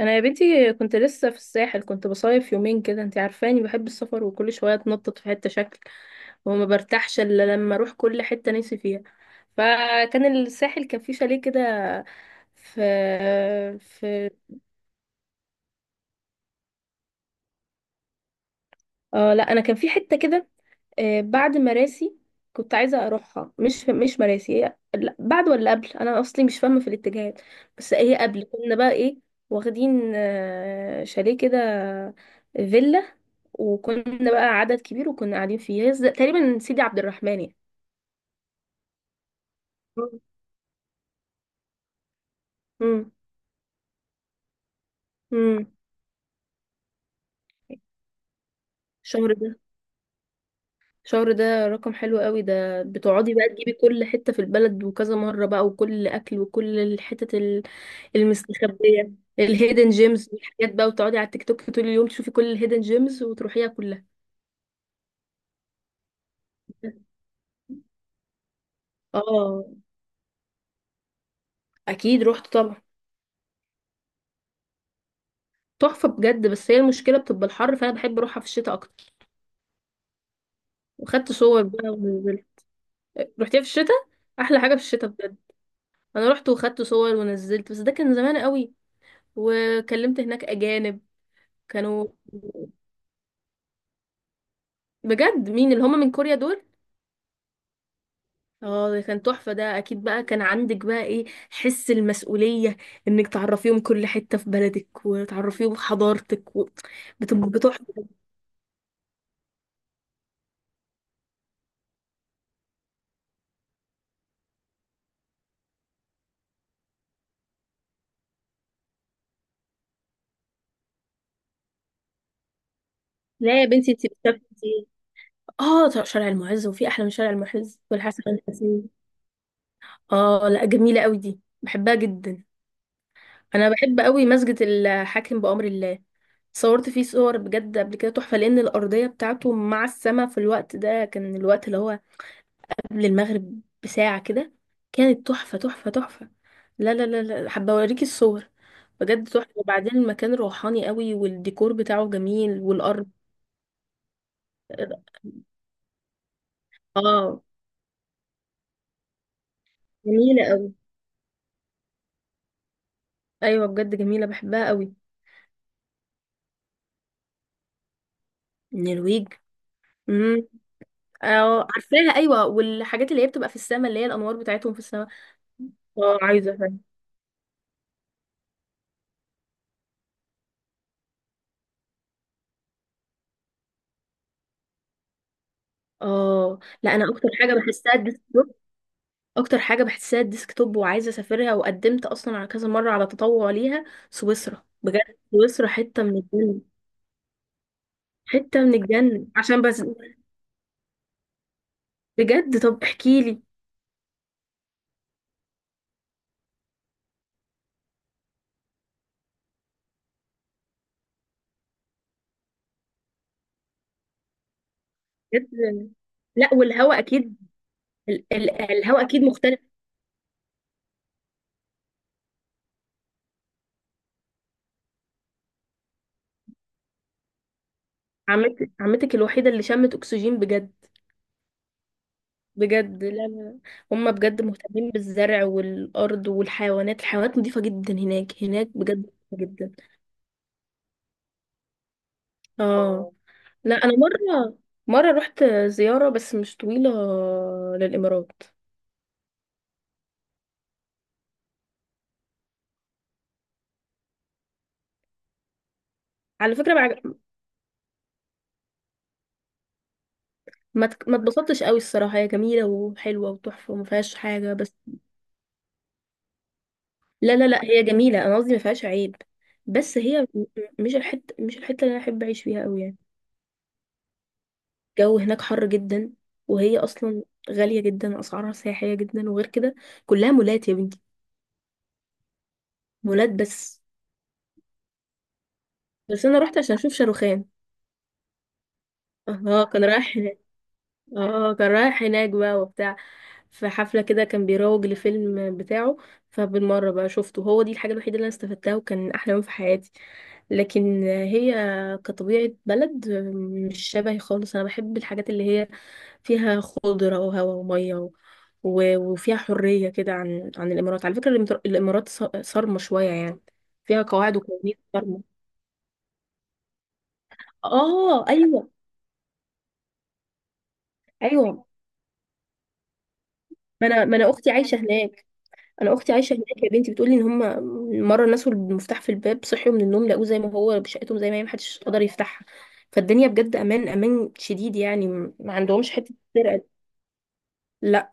انا يا بنتي كنت لسه في الساحل، كنت بصيف يومين كده. انت عارفاني بحب السفر وكل شويه اتنطط في حته شكل، وما برتاحش الا لما اروح كل حته نفسي فيها. فكان الساحل كان فيه شاليه كده في في اه لا، انا كان في حته كده. بعد مراسي كنت عايزه اروحها، مش مراسي هي، لا، بعد ولا قبل. انا اصلي مش فاهمه في الاتجاهات. بس هي قبل كنا بقى ايه، واخدين شاليه كده، فيلا. وكنا بقى عدد كبير وكنا قاعدين فيه، هي تقريبا سيدي عبد الرحمن يعني. امم. امم. الشهر ده الشهر ده رقم حلو قوي، ده بتقعدي بقى تجيبي كل حتة في البلد وكذا مرة بقى، وكل أكل وكل الحتت المستخبية، الهيدن جيمز والحاجات بقى، وتقعدي على التيك توك طول اليوم تشوفي كل الهيدن جيمز وتروحيها كلها. اه، اكيد رحت طبعا. تحفة بجد، بس هي المشكلة بتبقى الحر، فأنا بحب أروحها في الشتاء أكتر. وخدت صور بقى ونزلت. رحتيها في الشتاء؟ أحلى حاجة في الشتاء. انا رحت وخدت صور ونزلت، بس ده كان زمان قوي. وكلمت هناك اجانب كانوا. بجد، مين اللي هم من كوريا دول؟ اه، ده كان تحفة. ده اكيد بقى كان عندك بقى ايه، حس المسؤولية، انك تعرفيهم كل حتة في بلدك وتعرفيهم حضارتك و. بتبقى بتحفة. لا يا بنتي، انت بتسافري. اه، طب شارع المعز، وفي احلى من شارع المعز والحسن الحسين؟ اه، لا، جميلة قوي دي، بحبها جدا. انا بحب قوي مسجد الحاكم بأمر الله. صورت فيه صور بجد قبل كده تحفة، لان الارضية بتاعته مع السماء في الوقت ده كان الوقت اللي هو قبل المغرب بساعة كده. كانت تحفة تحفة تحفة. لا لا لا لا، حابة اوريكي الصور. بجد تحفة. وبعدين المكان روحاني قوي، والديكور بتاعه جميل والارض. اه، جميلة قوي. ايوه بجد، جميلة بحبها قوي. النرويج. امم. اه، عارفاها ايوه. والحاجات اللي هي بتبقى في السماء، اللي هي الانوار بتاعتهم في السماء. اه، عايزة. اه، لا، انا اكتر حاجه بحسها الديسكتوب. اكتر حاجه بحسها الديسكتوب، وعايزه اسافرها. وقدمت اصلا على كذا مره على تطوع ليها. سويسرا بجد. سويسرا حته من الجنه. حته من الجنه عشان بس. بجد، طب احكي لي. بجد. لا، والهواء اكيد. الهواء اكيد مختلف. عمتك الوحيده اللي شمت اكسجين بجد. بجد، لا لا. هم بجد مهتمين بالزرع والارض والحيوانات. الحيوانات نظيفه جدا هناك. هناك بجد نظيفة جدا. اه، لا، انا مره رحت زياره بس مش طويله، للامارات. على فكره ما عج- ما اتك- ما اتبسطتش قوي الصراحه. هي جميله وحلوه وتحفه، وما فيهاش حاجه بس. لا لا لا، هي جميله، انا قصدي ما فيهاش عيب. بس هي مش الحته اللي انا احب اعيش فيها قوي يعني. الجو هناك حر جدا، وهي اصلا غاليه جدا، اسعارها سياحيه جدا. وغير كده كلها مولات يا بنتي. مولات بس. بس انا رحت عشان اشوف شاروخان. اه، كان رايح. اه، كان رايح هناك بقى وبتاع، في حفلة كده كان بيروج لفيلم بتاعه. فبالمرة بقى شفته. هو دي الحاجة الوحيدة اللي انا استفدتها، وكان احلى يوم في حياتي. لكن هي كطبيعة بلد مش شبهي خالص. انا بحب الحاجات اللي هي فيها خضرة وهواء ومية و. وفيها حرية كده، عن الامارات. على فكرة الامارات صارمة شوية يعني، فيها قواعد وقوانين صارمة. اه، ايوه ايوه. ما انا اختي عايشة هناك. انا اختي عايشه هناك يا بنتي، بتقولي ان هم مره نسوا المفتاح في الباب، صحيوا من النوم لقوه زي ما هو بشقتهم زي ما هي، محدش قدر يفتحها. فالدنيا بجد امان، امان شديد يعني. ما عندهمش حته سرقه دي. لا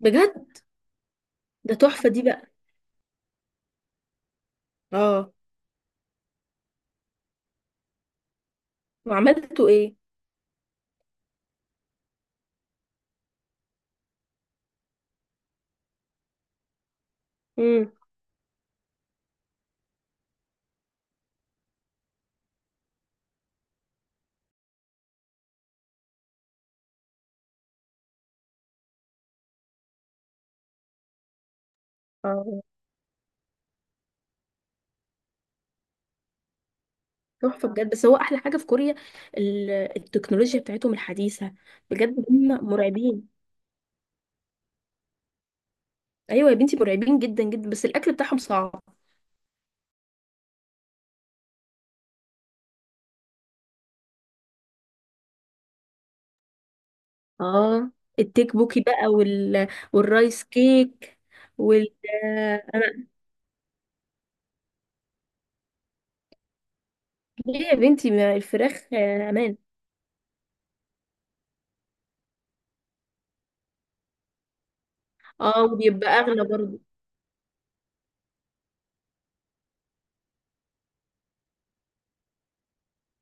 بجد. ده تحفه دي بقى. اه، وعملتوا ايه؟ امم. اه، تحفه بجد، بس هو احلى حاجه في كوريا ال- التكنولوجيا بتاعتهم الحديثه. بجد هم مرعبين. ايوه يا بنتي، مرعبين جدا جدا. بس الاكل بتاعهم صعب. اه، التيك بوكي بقى، وال. والرايس كيك، وال. انا ليه يا بنتي؟ ما الفراخ امان. اه، وبيبقى اغلى برضه.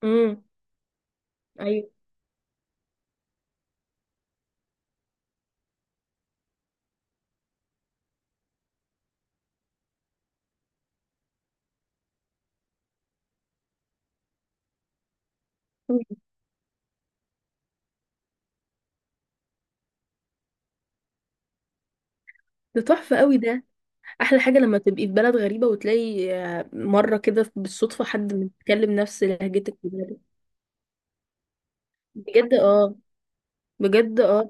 امم. ايوه ده تحفة قوي ده. احلى حاجة لما تبقي في بلد غريبة، وتلاقي مرة كده بالصدفة حد بيتكلم نفس لهجتك وبلدك. بجد اه. بجد اه.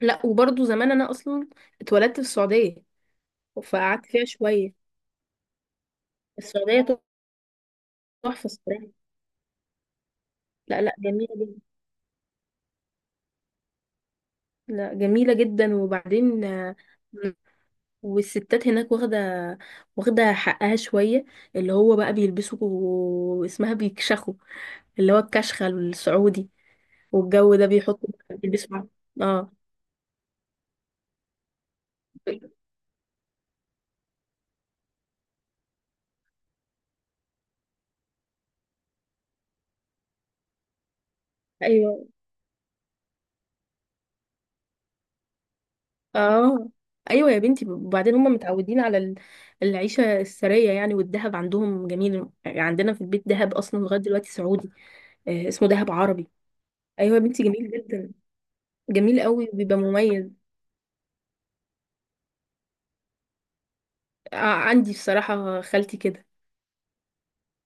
لا، وبرضه زمان انا اصلا اتولدت في السعودية، فقعدت فيها شوية. السعودية تحفة الصراحة. لا لا، جميلة جدا. لا، جميلة جدا. وبعدين والستات هناك واخدة حقها شوية، اللي هو بقى بيلبسوا واسمها بيكشخوا. اللي هو الكشخة السعودي. والجو ده بيحطوا بيلبسوا. اه، ايوه. اه، ايوه يا بنتي. وبعدين هم متعودين على العيشة السرية يعني، والذهب عندهم جميل. عندنا في البيت ذهب اصلا لغاية دلوقتي سعودي، اسمه ذهب عربي. ايوه يا بنتي، جميل جدا. جميل قوي وبيبقى مميز. عندي بصراحة خالتي كده.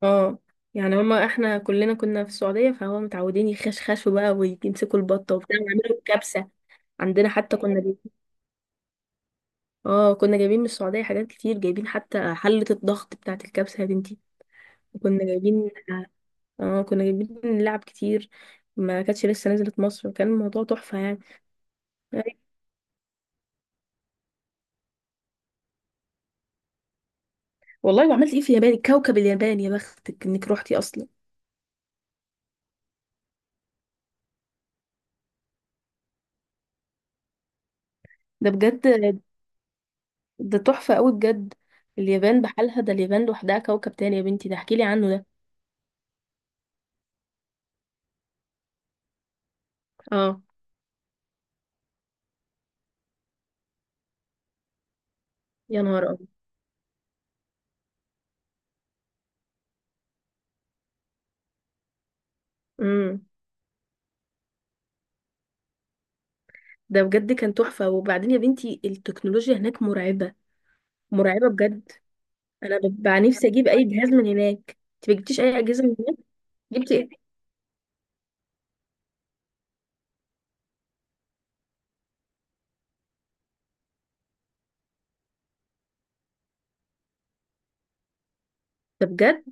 اه، يعني هما احنا كلنا كنا في السعودية، فهو متعودين يخشخشوا بقى ويمسكوا البطة وبتاع ويعملوا الكبسة. عندنا حتى كنا جايبين. اه، كنا جايبين من السعودية حاجات كتير، جايبين حتى حلة الضغط بتاعة الكبسة يا بنتي. وكنا جايبين. اه، كنا جايبين لعب كتير. ما كانتش لسه نزلت مصر، وكان الموضوع تحفة يعني. أيوة. والله، وعملت ايه في اليابان؟ كوكب اليابان، يا بختك انك روحتي اصلا. ده بجد. ده تحفة قوي بجد. اليابان بحالها، ده اليابان لوحدها كوكب تاني يا بنتي ده، احكيلي عنه ده. اه. يا نهار ابيض. امم. ده بجد كان تحفة. وبعدين يا بنتي التكنولوجيا هناك مرعبة. مرعبة بجد. انا ببقى نفسي اجيب اي جهاز من هناك. انت ما جبتيش اي اجهزة من هناك؟ جبتي ايه؟ ده بجد.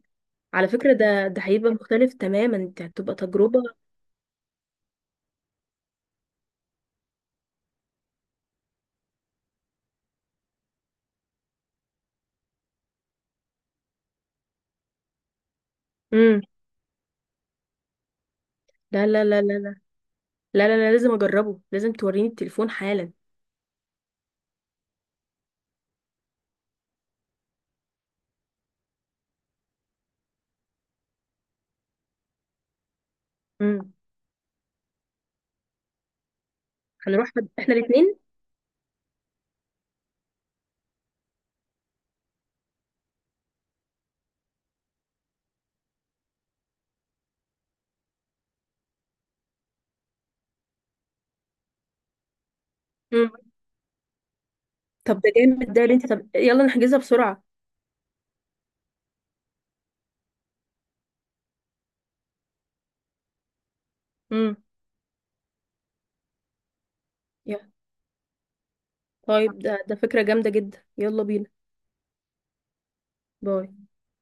على فكرة ده هيبقى مختلف تماما. انت هتبقى تجربة. امم. لا لا لا لا لا لا لا لا لازم اجربه. لازم توريني التليفون حالا. امم. هنروح احنا الاثنين. امم. طب ده جامد، ده اللي انت. طب يلا نحجزها بسرعة. امم. يا. طيب ده فكرة جامدة جدا، يلا بينا. باي.